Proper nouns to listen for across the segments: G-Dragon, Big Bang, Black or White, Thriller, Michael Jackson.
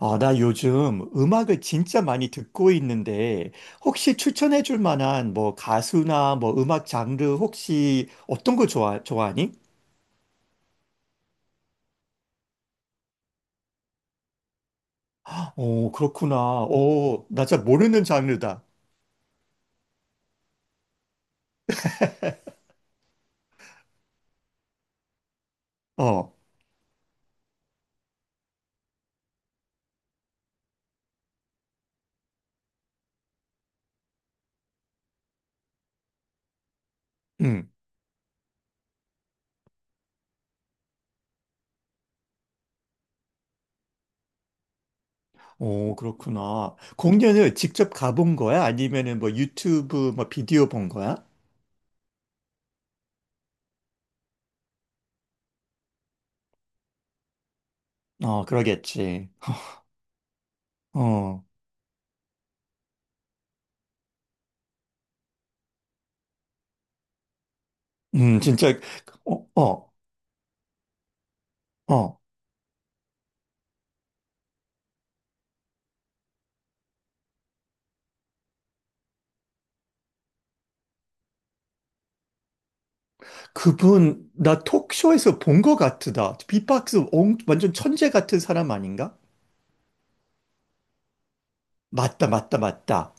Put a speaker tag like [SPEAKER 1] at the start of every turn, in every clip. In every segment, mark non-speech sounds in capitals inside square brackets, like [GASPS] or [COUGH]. [SPEAKER 1] 아, 나 요즘 음악을 진짜 많이 듣고 있는데, 혹시 추천해 줄 만한 뭐 가수나 뭐 음악 장르 혹시 어떤 거 좋아하니? 그렇구나. 나 잘 모르는 장르다. 어, 응. 그렇구나. 공연을 직접 가본 거야? 아니면은 뭐 유튜브 뭐 비디오 본 거야? 어, 그러겠지. 어, 진짜, 어, 어, 어. 그분, 나 톡쇼에서 본 것 같으다. 비박스 옹, 완전 천재 같은 사람 아닌가? 맞다, 맞다, 맞다.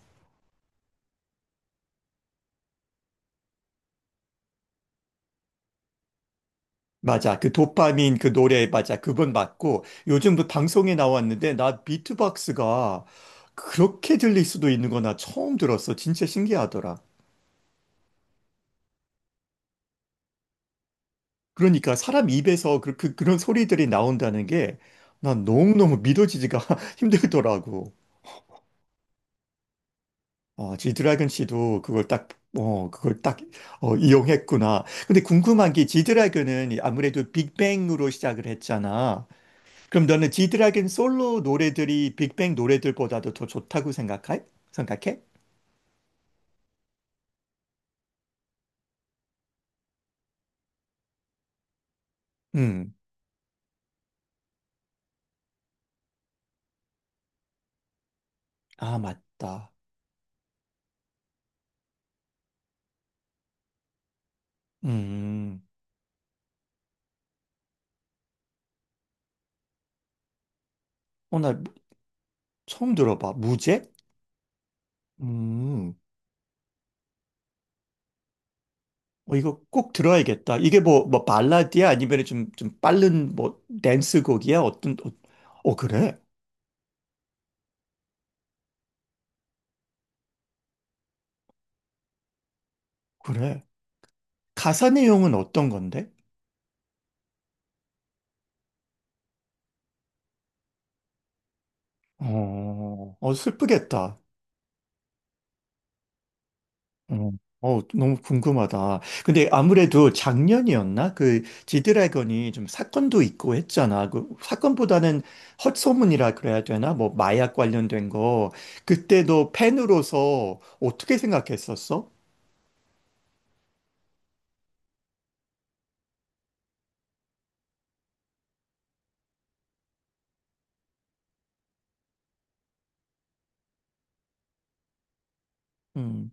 [SPEAKER 1] 맞아. 그 도파민 그 노래, 맞아. 그분 맞고, 요즘 그 방송에 나왔는데, 나 비트박스가 그렇게 들릴 수도 있는 거나 처음 들었어. 진짜 신기하더라. 그러니까 사람 입에서 그런 소리들이 나온다는 게, 난 너무너무 믿어지지가 [LAUGHS] 힘들더라고. 지드래곤 씨도 그걸 딱, 그걸 딱, 이용했구나. 근데 궁금한 게 지드래곤은 아무래도 빅뱅으로 시작을 했잖아. 그럼 너는 지드래곤 솔로 노래들이 빅뱅 노래들보다도 더 좋다고 생각해? 음, 아, 맞다. 음, 나 처음 들어봐. 무제? 음, 이거 꼭 들어야겠다. 이게 뭐, 발라드야? 아니면 좀 빠른 뭐, 댄스곡이야? 어떤, 그래? 그래. 가사 내용은 어떤 건데? 슬프겠다. 어, 너무 궁금하다. 근데 아무래도 작년이었나? 그 지드래곤이 좀 사건도 있고 했잖아. 그 사건보다는 헛소문이라 그래야 되나? 뭐 마약 관련된 거. 그때 도 팬으로서 어떻게 생각했었어? 음.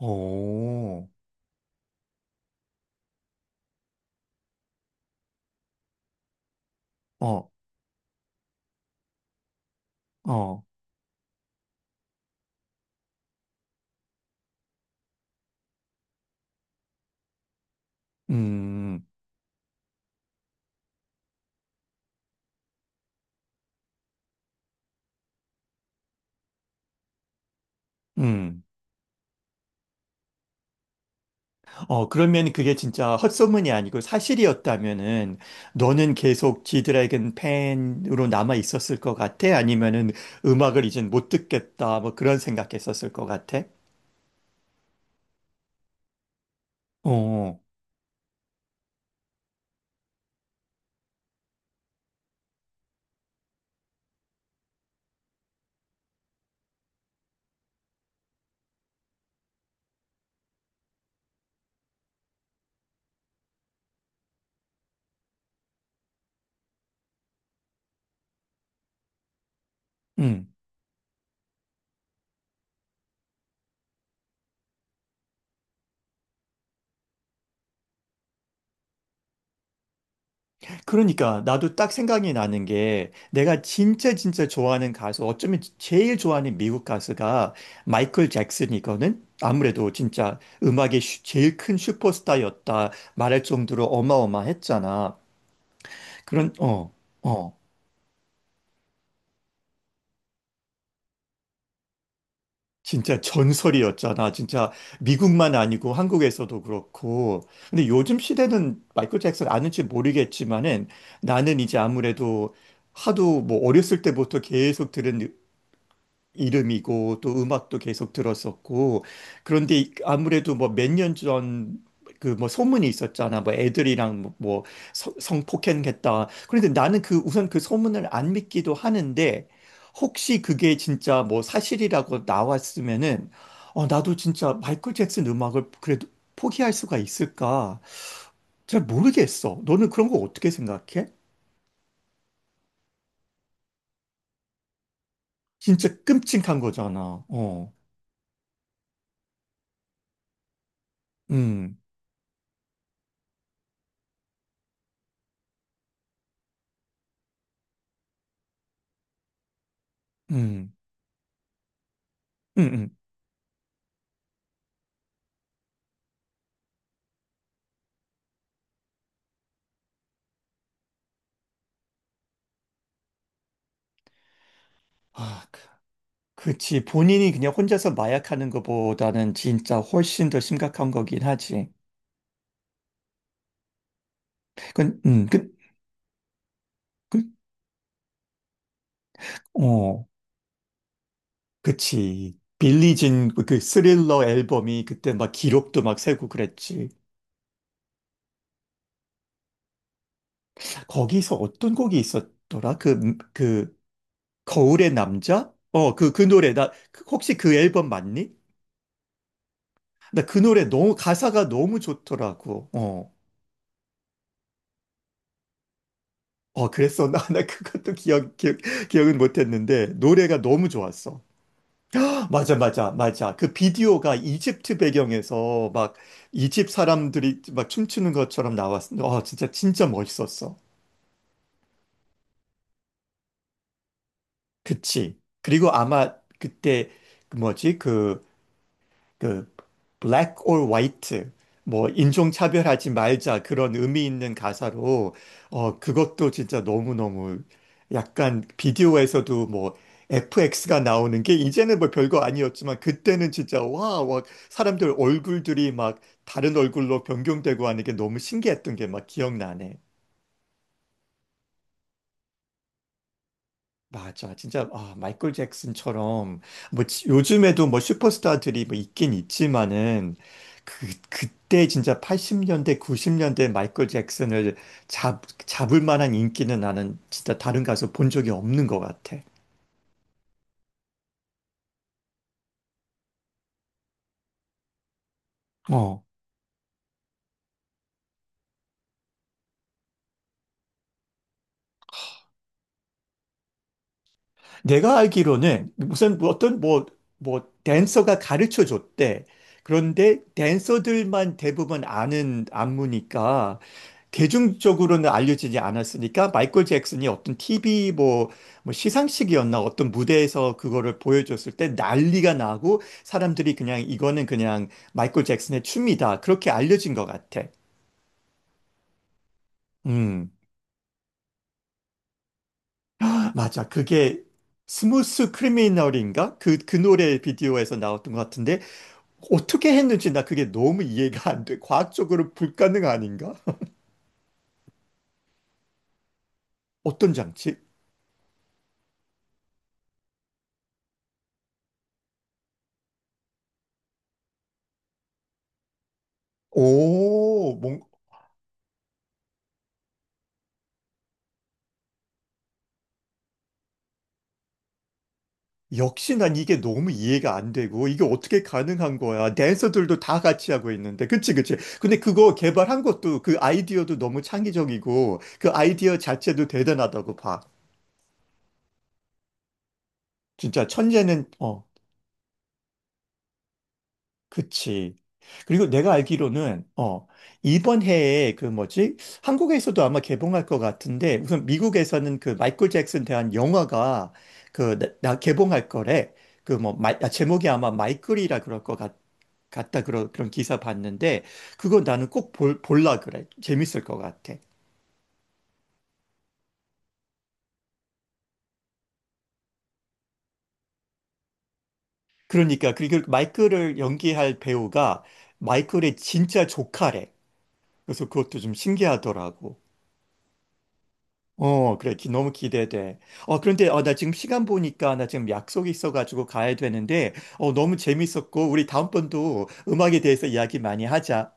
[SPEAKER 1] 어, 어, 어, 음, 음. 그러면 그게 진짜 헛소문이 아니고 사실이었다면은 너는 계속 지드래곤 팬으로 남아 있었을 것 같아? 아니면은 음악을 이젠 못 듣겠다, 뭐 그런 생각했었을 것 같아? 어, 음. 그러니까 나도 딱 생각이 나는 게 내가 진짜 진짜 좋아하는 가수, 어쩌면 제일 좋아하는 미국 가수가 마이클 잭슨이거든? 아무래도 진짜 음악의 제일 큰 슈퍼스타였다 말할 정도로 어마어마했잖아. 그런, 어, 어. 진짜 전설이었잖아. 진짜 미국만 아니고 한국에서도 그렇고. 근데 요즘 시대는 마이클 잭슨 아는지 모르겠지만은 나는 이제 아무래도 하도 뭐 어렸을 때부터 계속 들은 이름이고 또 음악도 계속 들었었고 그런데 아무래도 뭐 몇 년 전 그 뭐 소문이 있었잖아 뭐 애들이랑 뭐 성폭행했다. 그런데 나는 그 우선 그 소문을 안 믿기도 하는데 혹시 그게 진짜 뭐 사실이라고 나왔으면은 어 나도 진짜 마이클 잭슨 음악을 그래도 포기할 수가 있을까. 잘 모르겠어. 너는 그런 거 어떻게 생각해? 진짜 끔찍한 거잖아. 어 음 음, 음, 음. 아, 그. 그치. 본인이 그냥 혼자서 마약하는 것보다는 진짜 훨씬 더 심각한 거긴 하지. 그, 음, 그, 그, 어, 그치. 빌리 진그 스릴러 앨범이 그때 막 기록도 막 세고 그랬지. 거기서 어떤 곡이 있었더라? 거울의 남자? 어, 그 노래. 나, 혹시 그 앨범 맞니? 나 그 노래 너무, 가사가 너무 좋더라고. 어. 어, 그랬어. [LAUGHS] 나 그것도 기억은 못했는데, 노래가 너무 좋았어. [GASPS] 맞아, 맞아, 맞아. 그 비디오가 이집트 배경에서 막 이집 사람들이 막 춤추는 것처럼 나왔어. 진짜, 진짜 멋있었어. 그치. 그리고 아마 그때, 그 뭐지, 그 black or white 뭐 인종 차별하지 말자 그런 의미 있는 가사로 그것도 진짜 너무너무 약간 비디오에서도 뭐 FX가 나오는 게 이제는 뭐 별거 아니었지만 그때는 진짜 와, 와 사람들 얼굴들이 막 다른 얼굴로 변경되고 하는 게 너무 신기했던 게 막 기억나네. 맞아. 진짜 아, 마이클 잭슨처럼 뭐 요즘에도 뭐 슈퍼스타들이 뭐 있긴 있지만은 그때 진짜 80년대 90년대 마이클 잭슨을 잡 잡을 만한 인기는 나는 진짜 다른 가수 본 적이 없는 것 같아. 내가 알기로는 무슨 뭐 어떤 뭐 댄서가 가르쳐 줬대. 그런데 댄서들만 대부분 아는 안무니까 대중적으로는 알려지지 않았으니까 마이클 잭슨이 어떤 TV 뭐 시상식이었나 어떤 무대에서 그거를 보여줬을 때 난리가 나고 사람들이 그냥 이거는 그냥 마이클 잭슨의 춤이다. 그렇게 알려진 것 같아. 음, 맞아. 그게 스무스 크리미널인가? 그 노래 비디오에서 나왔던 것 같은데 어떻게 했는지 나 그게 너무 이해가 안 돼. 과학적으로 불가능 아닌가? [LAUGHS] 어떤 장치? 오, 뭔, 역시 난 이게 너무 이해가 안 되고, 이게 어떻게 가능한 거야? 댄서들도 다 같이 하고 있는데. 그치, 그치. 근데 그거 개발한 것도 그 아이디어도 너무 창의적이고, 그 아이디어 자체도 대단하다고 봐. 진짜 천재는, 어, 그치. 그리고 내가 알기로는, 이번 해에 그 뭐지? 한국에서도 아마 개봉할 것 같은데, 우선 미국에서는 그 마이클 잭슨 대한 영화가 나 개봉할 거래. 그 뭐, 제목이 아마 마이클이라 그럴 것 같다. 그런 기사 봤는데, 그거 나는 꼭 볼라 그래. 재밌을 것 같아. 그러니까, 그리고 마이클을 연기할 배우가 마이클의 진짜 조카래. 그래서 그것도 좀 신기하더라고. 그래. 너무 기대돼. 그런데, 나 지금 시간 보니까, 나 지금 약속이 있어가지고 가야 되는데, 너무 재밌었고, 우리 다음번도 음악에 대해서 이야기 많이 하자.